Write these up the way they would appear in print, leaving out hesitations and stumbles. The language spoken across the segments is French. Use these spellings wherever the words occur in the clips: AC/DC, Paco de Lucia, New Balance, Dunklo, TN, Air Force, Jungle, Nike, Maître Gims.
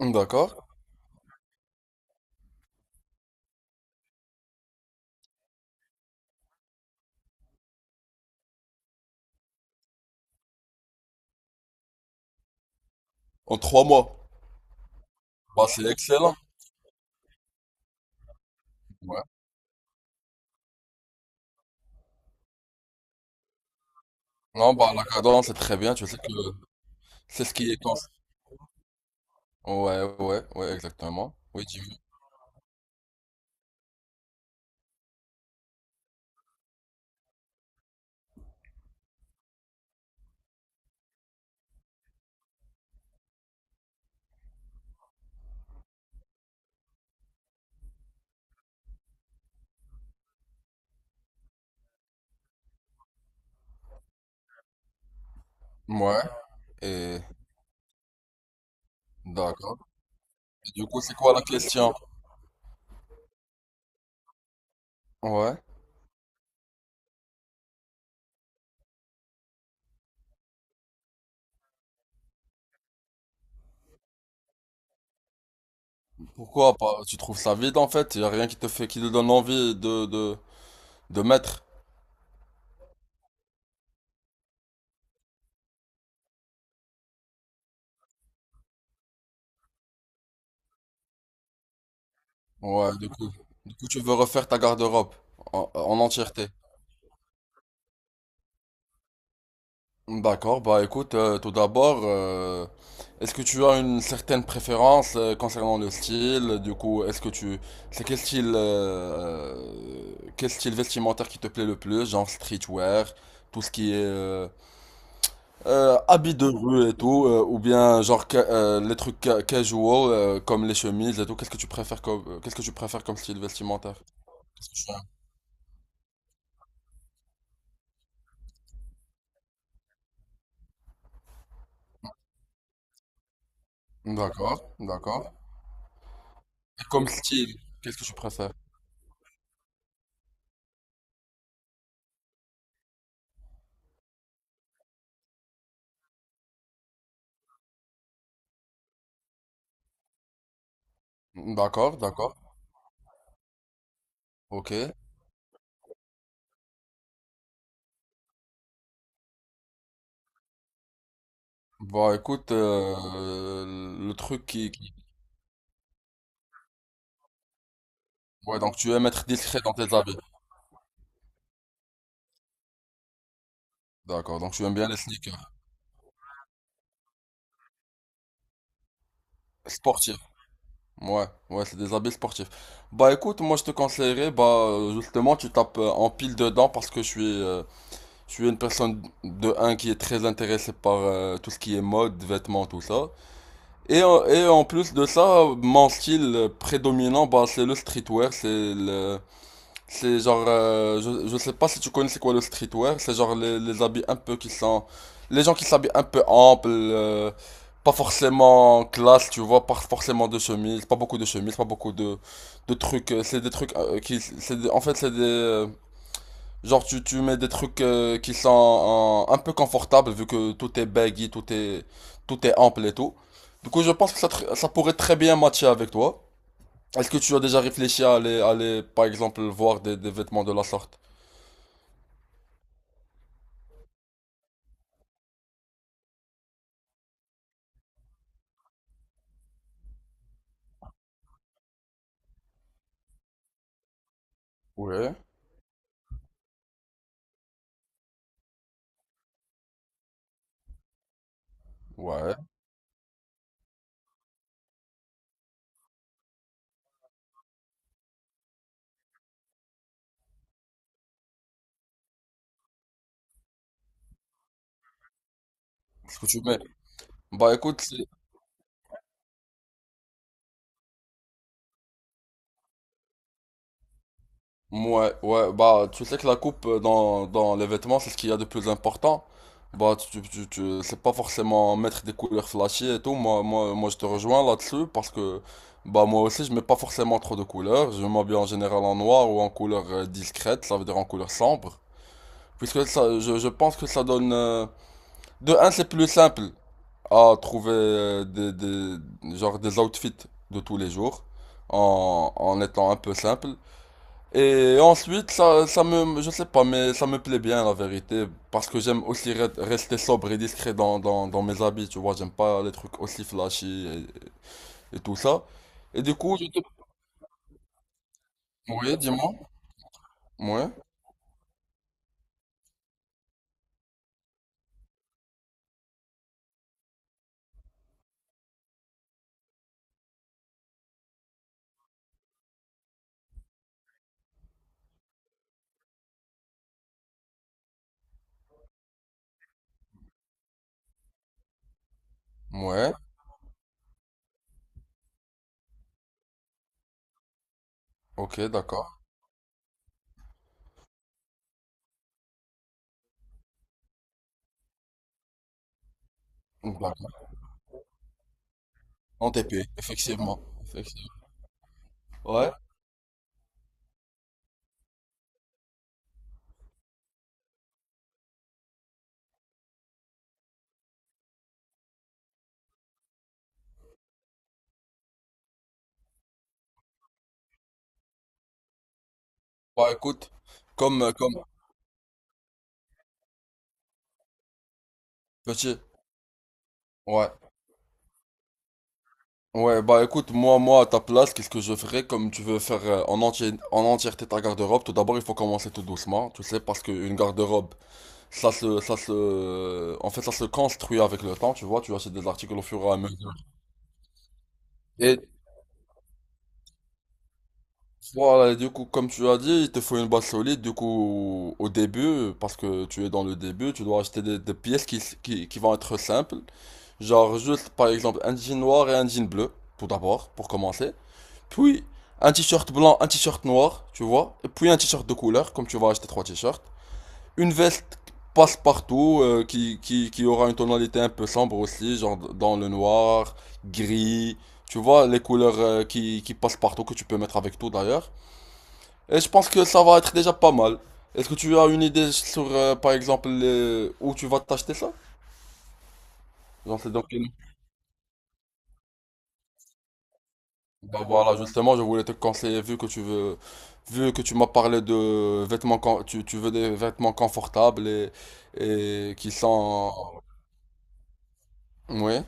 D'accord. En trois mois. Bah, c'est excellent. Ouais. Non, bah, la cadence, c'est très bien. Tu sais que c'est ce qui est en- ouais, exactement. Oui, dis-moi. Ouais. Et d'accord. Et du coup, c'est quoi la question? Ouais. Pourquoi pas? Tu trouves ça vide en fait? Il a rien qui te fait, qui te donne envie de mettre. Ouais, du coup. Du coup, tu veux refaire ta garde-robe en entièreté. D'accord, bah écoute, tout d'abord, est-ce que tu as une certaine préférence concernant le style? Du coup, est-ce que tu... C'est quel style vestimentaire qui te plaît le plus? Genre streetwear, tout ce qui est habits de rue et tout, ou bien les trucs casual comme les chemises et tout. Qu'est-ce que tu préfères comme, qu'est-ce que tu préfères comme style vestimentaire? Qu'est-ce que tu aimes. D'accord, d'accord. Et comme style, qu'est-ce que tu préfères? D'accord, d'accord, ok. Bah écoute, le truc qui- ouais, donc tu aimes être discret dans tes habits. D'accord, donc tu aimes bien les sneakers. Sportifs. Ouais, c'est des habits sportifs. Bah écoute, moi je te conseillerais, bah justement, tu tapes en pile dedans parce que je suis une personne de un qui est très intéressée par tout ce qui est mode, vêtements, tout ça. Et en plus de ça, mon style prédominant, bah c'est le streetwear, c'est le... C'est genre, je sais pas si tu connais c'est quoi le streetwear, c'est genre les habits un peu qui sont, les gens qui s'habillent un peu ample, pas forcément classe, tu vois, pas forcément de chemise, pas beaucoup de chemises, pas beaucoup de trucs, c'est des trucs en fait c'est des genre tu mets des trucs qui sont un peu confortables vu que tout est baggy, tout est ample et tout. Du coup je pense que ça pourrait très bien matcher avec toi. Est-ce que tu as déjà réfléchi à à aller, par exemple, voir des vêtements de la sorte? Ouais, ouais. Est-ce que tu mets? Bah écoute, c'est- ouais, ouais, bah tu sais que la coupe euh, dans les vêtements, c'est ce qu'il y a de plus important. Bah tu, tu, tu, c'est pas forcément mettre des couleurs flashy et tout. Moi je te rejoins là-dessus parce que, bah moi aussi, je mets pas forcément trop de couleurs. Je m'habille en général en noir ou en couleur discrète, ça veut dire en couleur sombre. Puisque ça, je pense que ça donne... de un, c'est plus simple à trouver genre des outfits de tous les jours en étant un peu simple. Et ensuite, je sais pas, mais ça me plaît bien la vérité parce que j'aime aussi rester sobre et discret dans mes habits, tu vois. J'aime pas les trucs aussi flashy et tout ça. Et du coup, je. Oui, dis-moi. Ouais, ouais, ok, d'accord. D'accord. En TP, effectivement. Effectivement. Ouais, bah écoute, comme petit, ouais. Ouais, bah écoute, moi, à ta place, qu'est-ce que je ferais comme tu veux faire en entièreté ta garde-robe? Tout d'abord, il faut commencer tout doucement, tu sais, parce qu'une garde-robe, en fait, ça se construit avec le temps, tu vois, tu achètes des articles au fur et à mesure. Et voilà, et du coup, comme tu as dit, il te faut une base solide, du coup, au début, parce que tu es dans le début, tu dois acheter des pièces qui vont être simples, genre juste, par exemple, un jean noir et un jean bleu, tout d'abord, pour commencer. Puis un t-shirt blanc, un t-shirt noir, tu vois. Et puis un t-shirt de couleur, comme tu vas acheter trois t-shirts. Une veste passe-partout qui aura une tonalité un peu sombre aussi, genre dans le noir, gris. Tu vois, les couleurs qui passent partout, que tu peux mettre avec tout d'ailleurs. Et je pense que ça va être déjà pas mal. Est-ce que tu as une idée sur, par exemple, où tu vas t'acheter ça? Genre, c'est dans quel Bah voilà, justement, je voulais te conseiller, vu que tu m'as parlé de vêtements, tu veux des vêtements confortables et qui sont oui.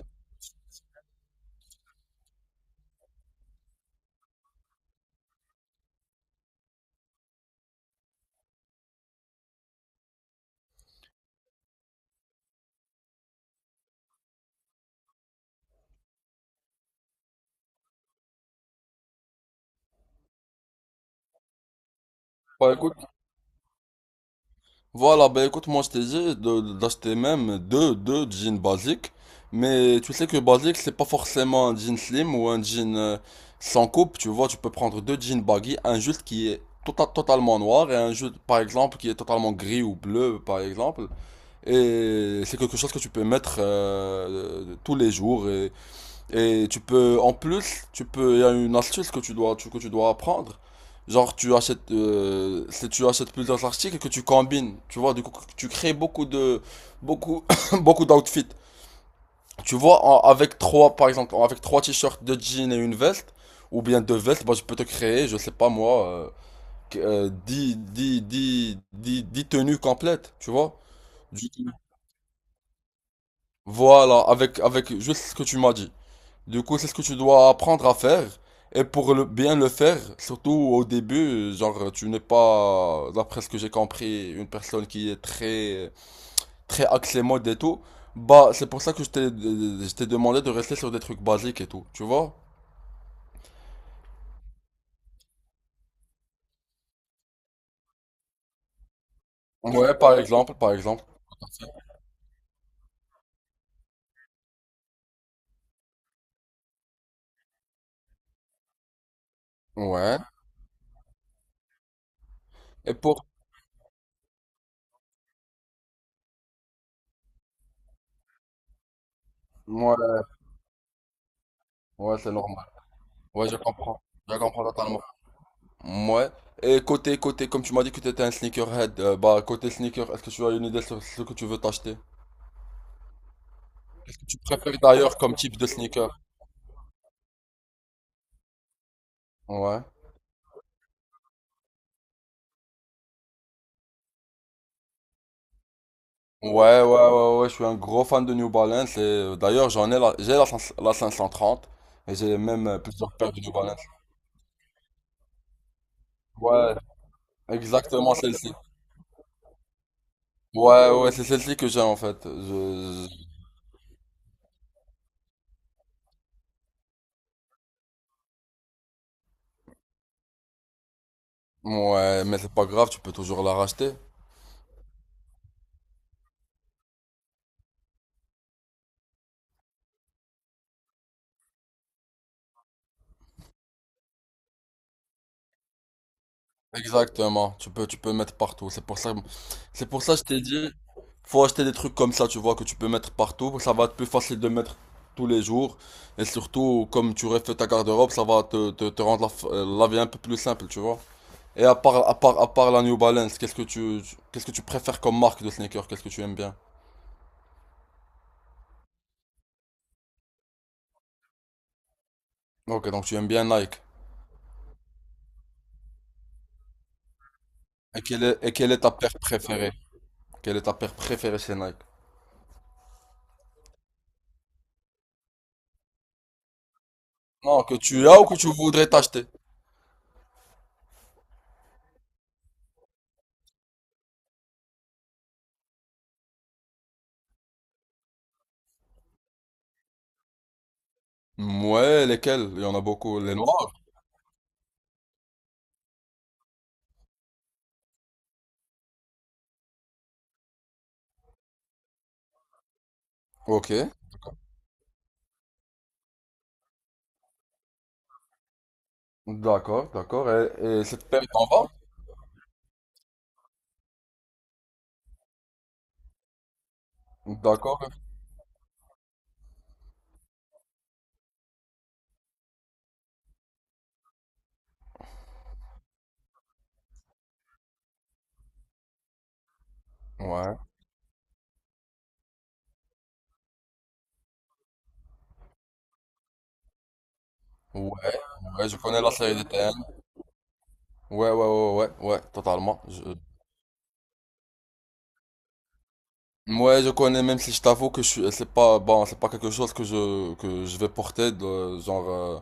Bah écoute, voilà, bah écoute, moi je t'ai dit d'acheter même deux jeans basiques, mais tu sais que basique c'est pas forcément un jean slim ou un jean sans coupe, tu vois, tu peux prendre deux jeans baggy, un juste qui est totalement noir et un juste, par exemple, qui est totalement gris ou bleu, par exemple. Et c'est quelque chose que tu peux mettre tous les jours. Et en plus, il y a une astuce que que tu dois apprendre. Genre, si tu achètes plusieurs articles que tu combines, tu vois, du coup, tu crées beaucoup de, beaucoup, beaucoup d'outfits. Tu vois, avec trois, par exemple, avec trois t-shirts, deux jeans et une veste, ou bien deux vestes, bah, je peux te créer, je sais pas moi, que- 10 10, 10 tenues complètes, tu vois. Voilà, avec juste ce que tu m'as dit. Du coup, c'est ce que tu dois apprendre à faire. Et pour le, bien le faire, surtout au début, genre, tu n'es pas, d'après ce que j'ai compris, une personne qui est très axée mode et tout. Bah, c'est pour ça que je t'ai demandé de rester sur des trucs basiques et tout, tu vois? Par exemple. Ouais. Et pour, ouais, ouais, c'est normal. Ouais, je comprends. Je comprends totalement. Ouais. Et côté, comme tu m'as dit que tu étais un sneakerhead, bah côté sneaker, est-ce que tu as une idée sur ce que tu veux t'acheter? Qu'est-ce que tu préfères d'ailleurs comme type de sneaker? Ouais. Ouais, je suis un gros fan de New Balance et d'ailleurs j'ai la, 500 la 530 et j'ai même plusieurs paires de New Balance. Ouais, exactement celle-ci. Ouais, c'est celle-ci que j'ai en fait. Ouais, mais c'est pas grave, tu peux toujours la racheter. Exactement, tu peux mettre partout. C'est pour ça que je t'ai dit, faut acheter des trucs comme ça, tu vois, que tu peux mettre partout. Ça va être plus facile de mettre tous les jours. Et surtout, comme tu refais ta garde-robe, ça va te rendre la vie un peu plus simple, tu vois. Et à part la New Balance, qu'est-ce que qu'est-ce que tu préfères comme marque de sneakers? Qu'est-ce que tu aimes bien? Ok, donc tu aimes bien Nike. Et quelle est ta paire préférée? Quelle est ta paire préférée chez Nike? Non, que tu as ou que tu voudrais t'acheter? Ouais, lesquelles? Il y en a beaucoup. Les noirs? Ok, d'accord. Et cette paire est en vente? D'accord. Ouais, ouais, ouais, je connais la série des TN. Ouais, ouais, totalement. Je... Ouais, je connais, même si je t'avoue que je suis, c'est pas, bon, c'est pas quelque chose que que je vais porter de, genre,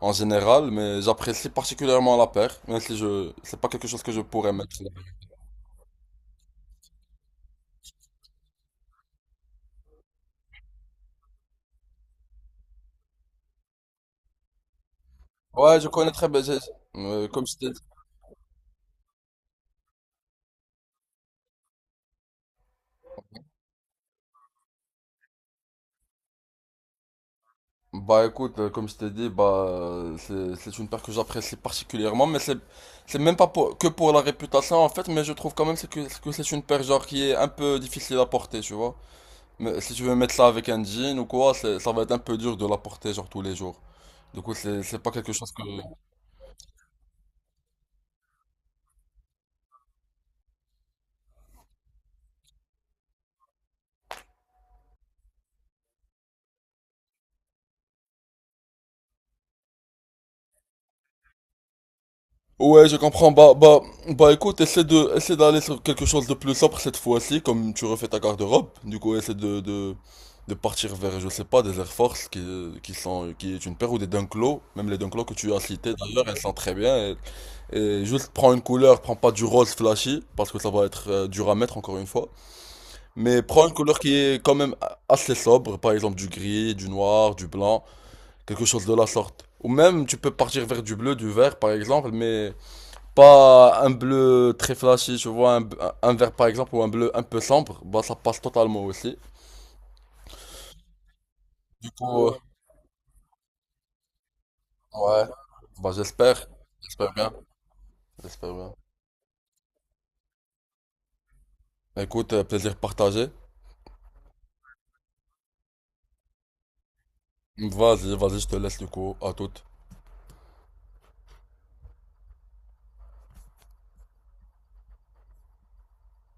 en général, mais j'apprécie particulièrement la paire, même si je, c'est pas quelque chose que je pourrais mettre. Ouais, je connais très bien, j'ai- comme je t'ai Bah écoute, comme je t'ai dit, c'est une paire que j'apprécie particulièrement, mais c'est même pas que pour la réputation en fait, mais je trouve quand même c'est que c'est une paire genre qui est un peu difficile à porter, tu vois. Mais si tu veux mettre ça avec un jean ou quoi, ça va être un peu dur de la porter genre tous les jours. Du coup, c'est pas quelque chose que. Ouais, je comprends. Bah, écoute, essaie d'aller sur quelque chose de plus sobre cette fois-ci, comme tu refais ta garde-robe. Du coup, de partir vers, je sais pas, des Air Force qui est une paire ou des Dunklo. Même les Dunklo que tu as cités d'ailleurs, elles sont très bien. Et juste prends une couleur, prends pas du rose flashy, parce que ça va être dur à mettre encore une fois. Mais prends une couleur qui est quand même assez sobre, par exemple du gris, du noir, du blanc, quelque chose de la sorte. Ou même, tu peux partir vers du bleu, du vert, par exemple, mais pas un bleu très flashy, tu vois, un vert par exemple, ou un bleu un peu sombre, bah ça passe totalement aussi. Du coup, ouais, bah j'espère, j'espère bien, j'espère bien. Écoute, plaisir partagé. Vas-y, je te laisse du coup, à toute.